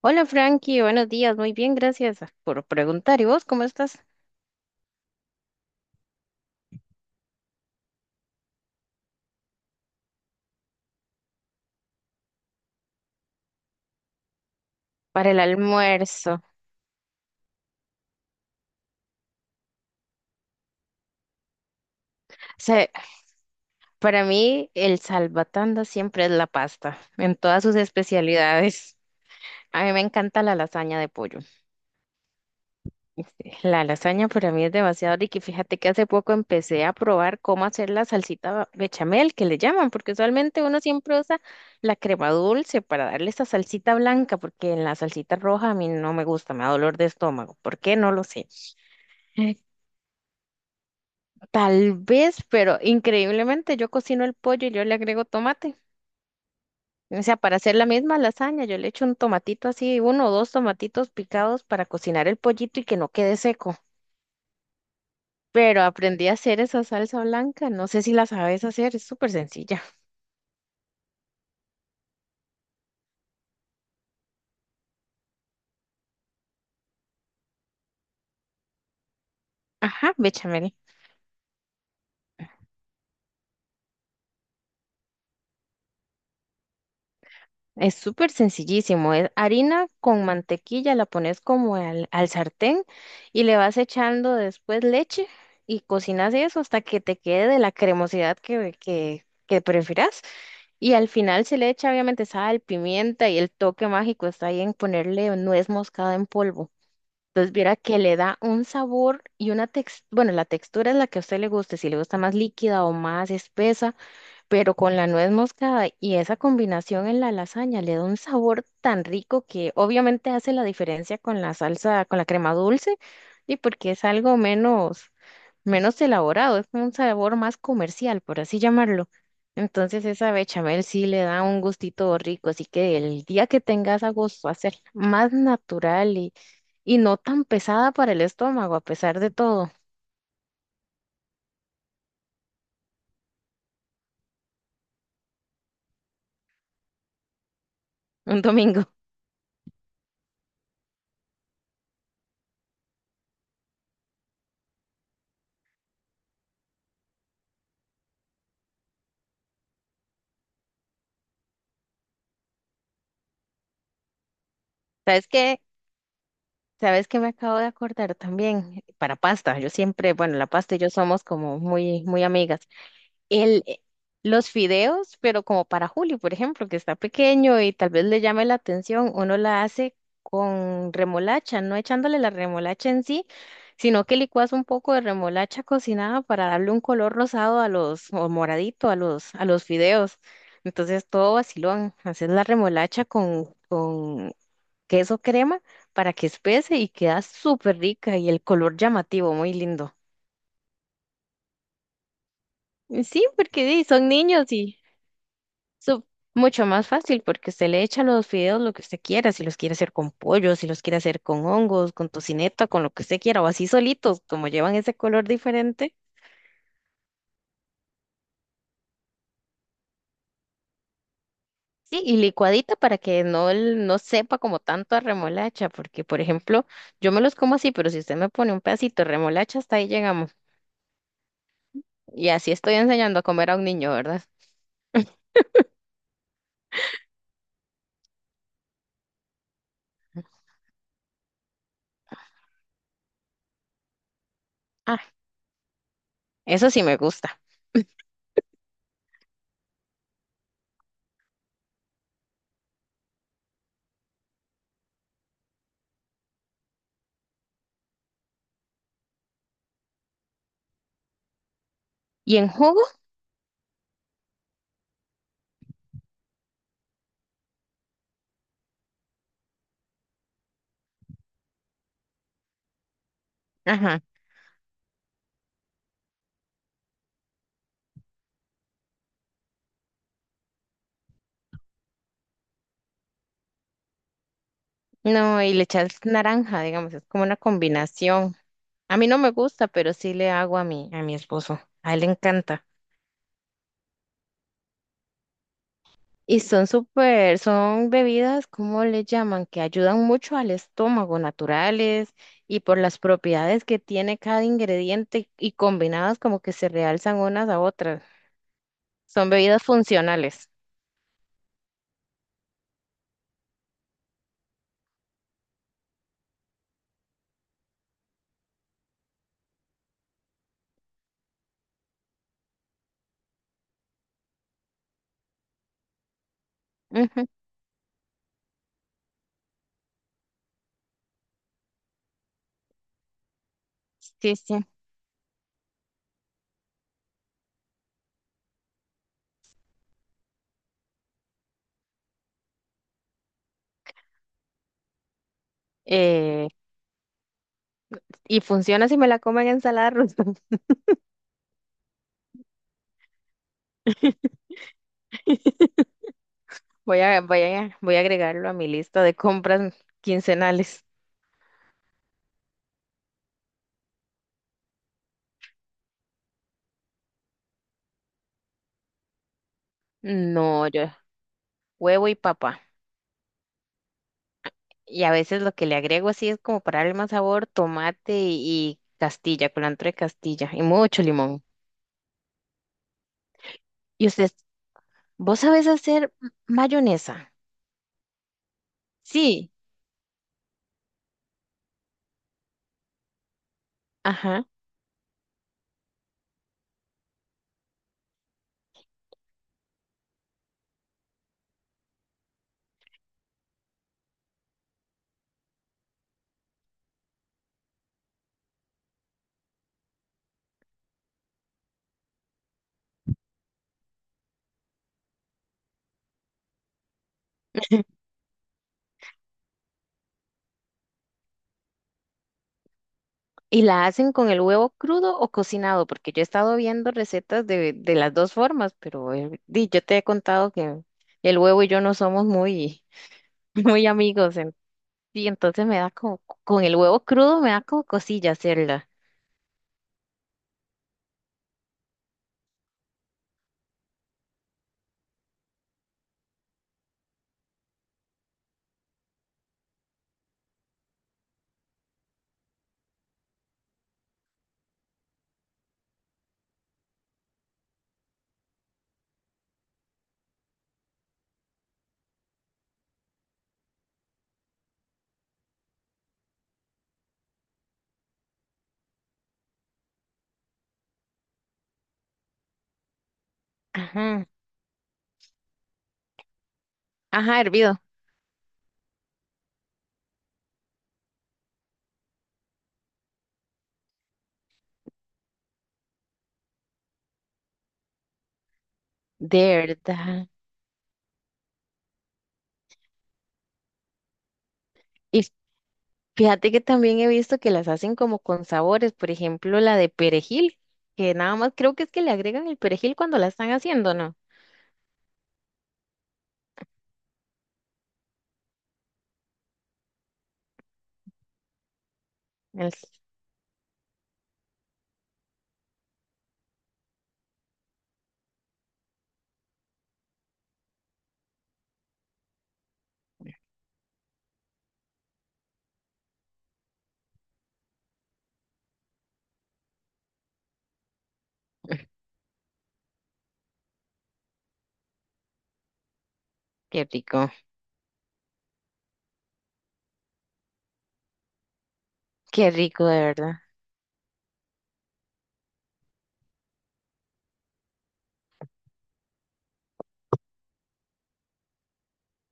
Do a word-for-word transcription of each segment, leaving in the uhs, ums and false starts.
Hola Frankie, buenos días, muy bien, gracias por preguntar. ¿Y vos cómo estás? Para el almuerzo. O sea, para mí el salvatanda siempre es la pasta, en todas sus especialidades. A mí me encanta la lasaña de pollo. Este, La lasaña para mí es demasiado rica y fíjate que hace poco empecé a probar cómo hacer la salsita bechamel, que le llaman, porque usualmente uno siempre usa la crema dulce para darle esa salsita blanca, porque en la salsita roja a mí no me gusta, me da dolor de estómago. ¿Por qué? No lo sé. Tal vez, pero increíblemente yo cocino el pollo y yo le agrego tomate. O sea, para hacer la misma lasaña, yo le echo un tomatito así, uno o dos tomatitos picados para cocinar el pollito y que no quede seco. Pero aprendí a hacer esa salsa blanca, no sé si la sabes hacer, es súper sencilla. Ajá, bechamel. Es súper sencillísimo, es harina con mantequilla, la pones como al, al sartén y le vas echando después leche y cocinas eso hasta que te quede de la cremosidad que, que, que prefieras. Y al final se le echa obviamente sal, pimienta y el toque mágico está ahí en ponerle nuez moscada en polvo. Entonces viera que le da un sabor y una textura, bueno, la textura es la que a usted le guste, si le gusta más líquida o más espesa, pero con la nuez moscada y esa combinación en la lasaña le da un sabor tan rico que obviamente hace la diferencia con la salsa, con la crema dulce, y porque es algo menos, menos elaborado, es un sabor más comercial, por así llamarlo. Entonces esa bechamel sí le da un gustito rico, así que el día que tengas a gusto hacer más natural y, y no tan pesada para el estómago, a pesar de todo, un domingo. ¿Sabes qué? ¿Sabes qué me acabo de acordar también? Para pasta, yo siempre, bueno, la pasta y yo somos como muy, muy amigas. El, eh, los fideos, pero como para Juli, por ejemplo, que está pequeño y tal vez le llame la atención, uno la hace con remolacha, no echándole la remolacha en sí, sino que licuas un poco de remolacha cocinada para darle un color rosado a los, o moradito a los, a los fideos. Entonces todo vacilón, haces la remolacha con, con queso crema para que espese y queda súper rica y el color llamativo, muy lindo. Y sí, porque sí, son niños y su- mucho más fácil porque usted le echa los fideos lo que usted quiera, si los quiere hacer con pollo, si los quiere hacer con hongos, con tocineta, con lo que usted quiera o así solitos, como llevan ese color diferente. Sí, y licuadita para que no, el- no sepa como tanto a remolacha, porque por ejemplo, yo me los como así, pero si usted me pone un pedacito de remolacha, hasta ahí llegamos. Y así estoy enseñando a comer a un niño, ¿verdad? Eso sí me gusta. ¿Y en jugo? Ajá. No, y le echas naranja, digamos, es como una combinación. A mí no me gusta, pero sí le hago a mi, a mi esposo. A él le encanta. Y son súper, son bebidas, ¿cómo le llaman? Que ayudan mucho al estómago, naturales, y por las propiedades que tiene cada ingrediente y combinadas como que se realzan unas a otras. Son bebidas funcionales. Ujú, sí, sí. Y funciona si me la como en ensalada rusa. Voy a, voy a, voy a agregarlo a mi lista de compras quincenales. No, yo, huevo y papa. Y a veces lo que le agrego así es como para darle más sabor, tomate y, y castilla, culantro de castilla y mucho limón. Y usted, ¿vos sabés hacer m- mayonesa? Sí, ajá. ¿Y la hacen con el huevo crudo o cocinado? Porque yo he estado viendo recetas de, de las dos formas, pero eh, di, yo te he contado que el huevo y yo no somos muy, muy amigos. En- y entonces me da como, con el huevo crudo me da como cosilla hacerla. Ajá, ajá, hervido. De verdad. Y fíjate que también he visto que las hacen como con sabores, por ejemplo, la de perejil, que nada más creo que es que le agregan el perejil cuando la están haciendo, ¿no? El- Qué rico, qué rico, de verdad.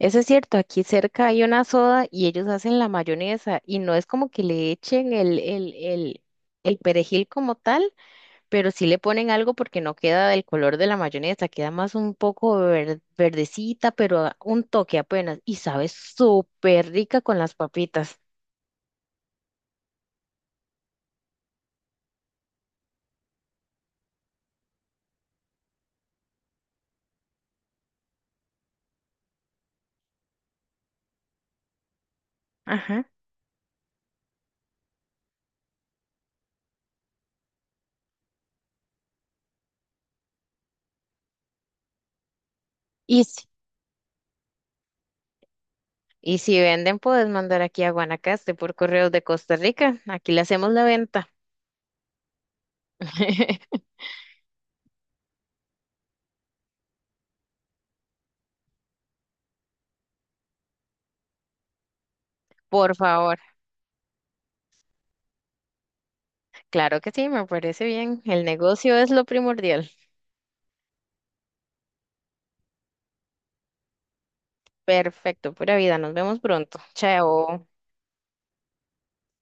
Eso es cierto, aquí cerca hay una soda y ellos hacen la mayonesa y no es como que le echen el, el, el, el perejil como tal, pero sí le ponen algo porque no queda del color de la mayonesa, queda más un poco ver- verdecita, pero un toque apenas y sabe súper rica con las papitas. Ajá. Y si, y si venden, puedes mandar aquí a Guanacaste por correos de Costa Rica, aquí le hacemos la venta. Por favor. Claro que sí, me parece bien. El negocio es lo primordial. Perfecto, pura vida. Nos vemos pronto. Chao.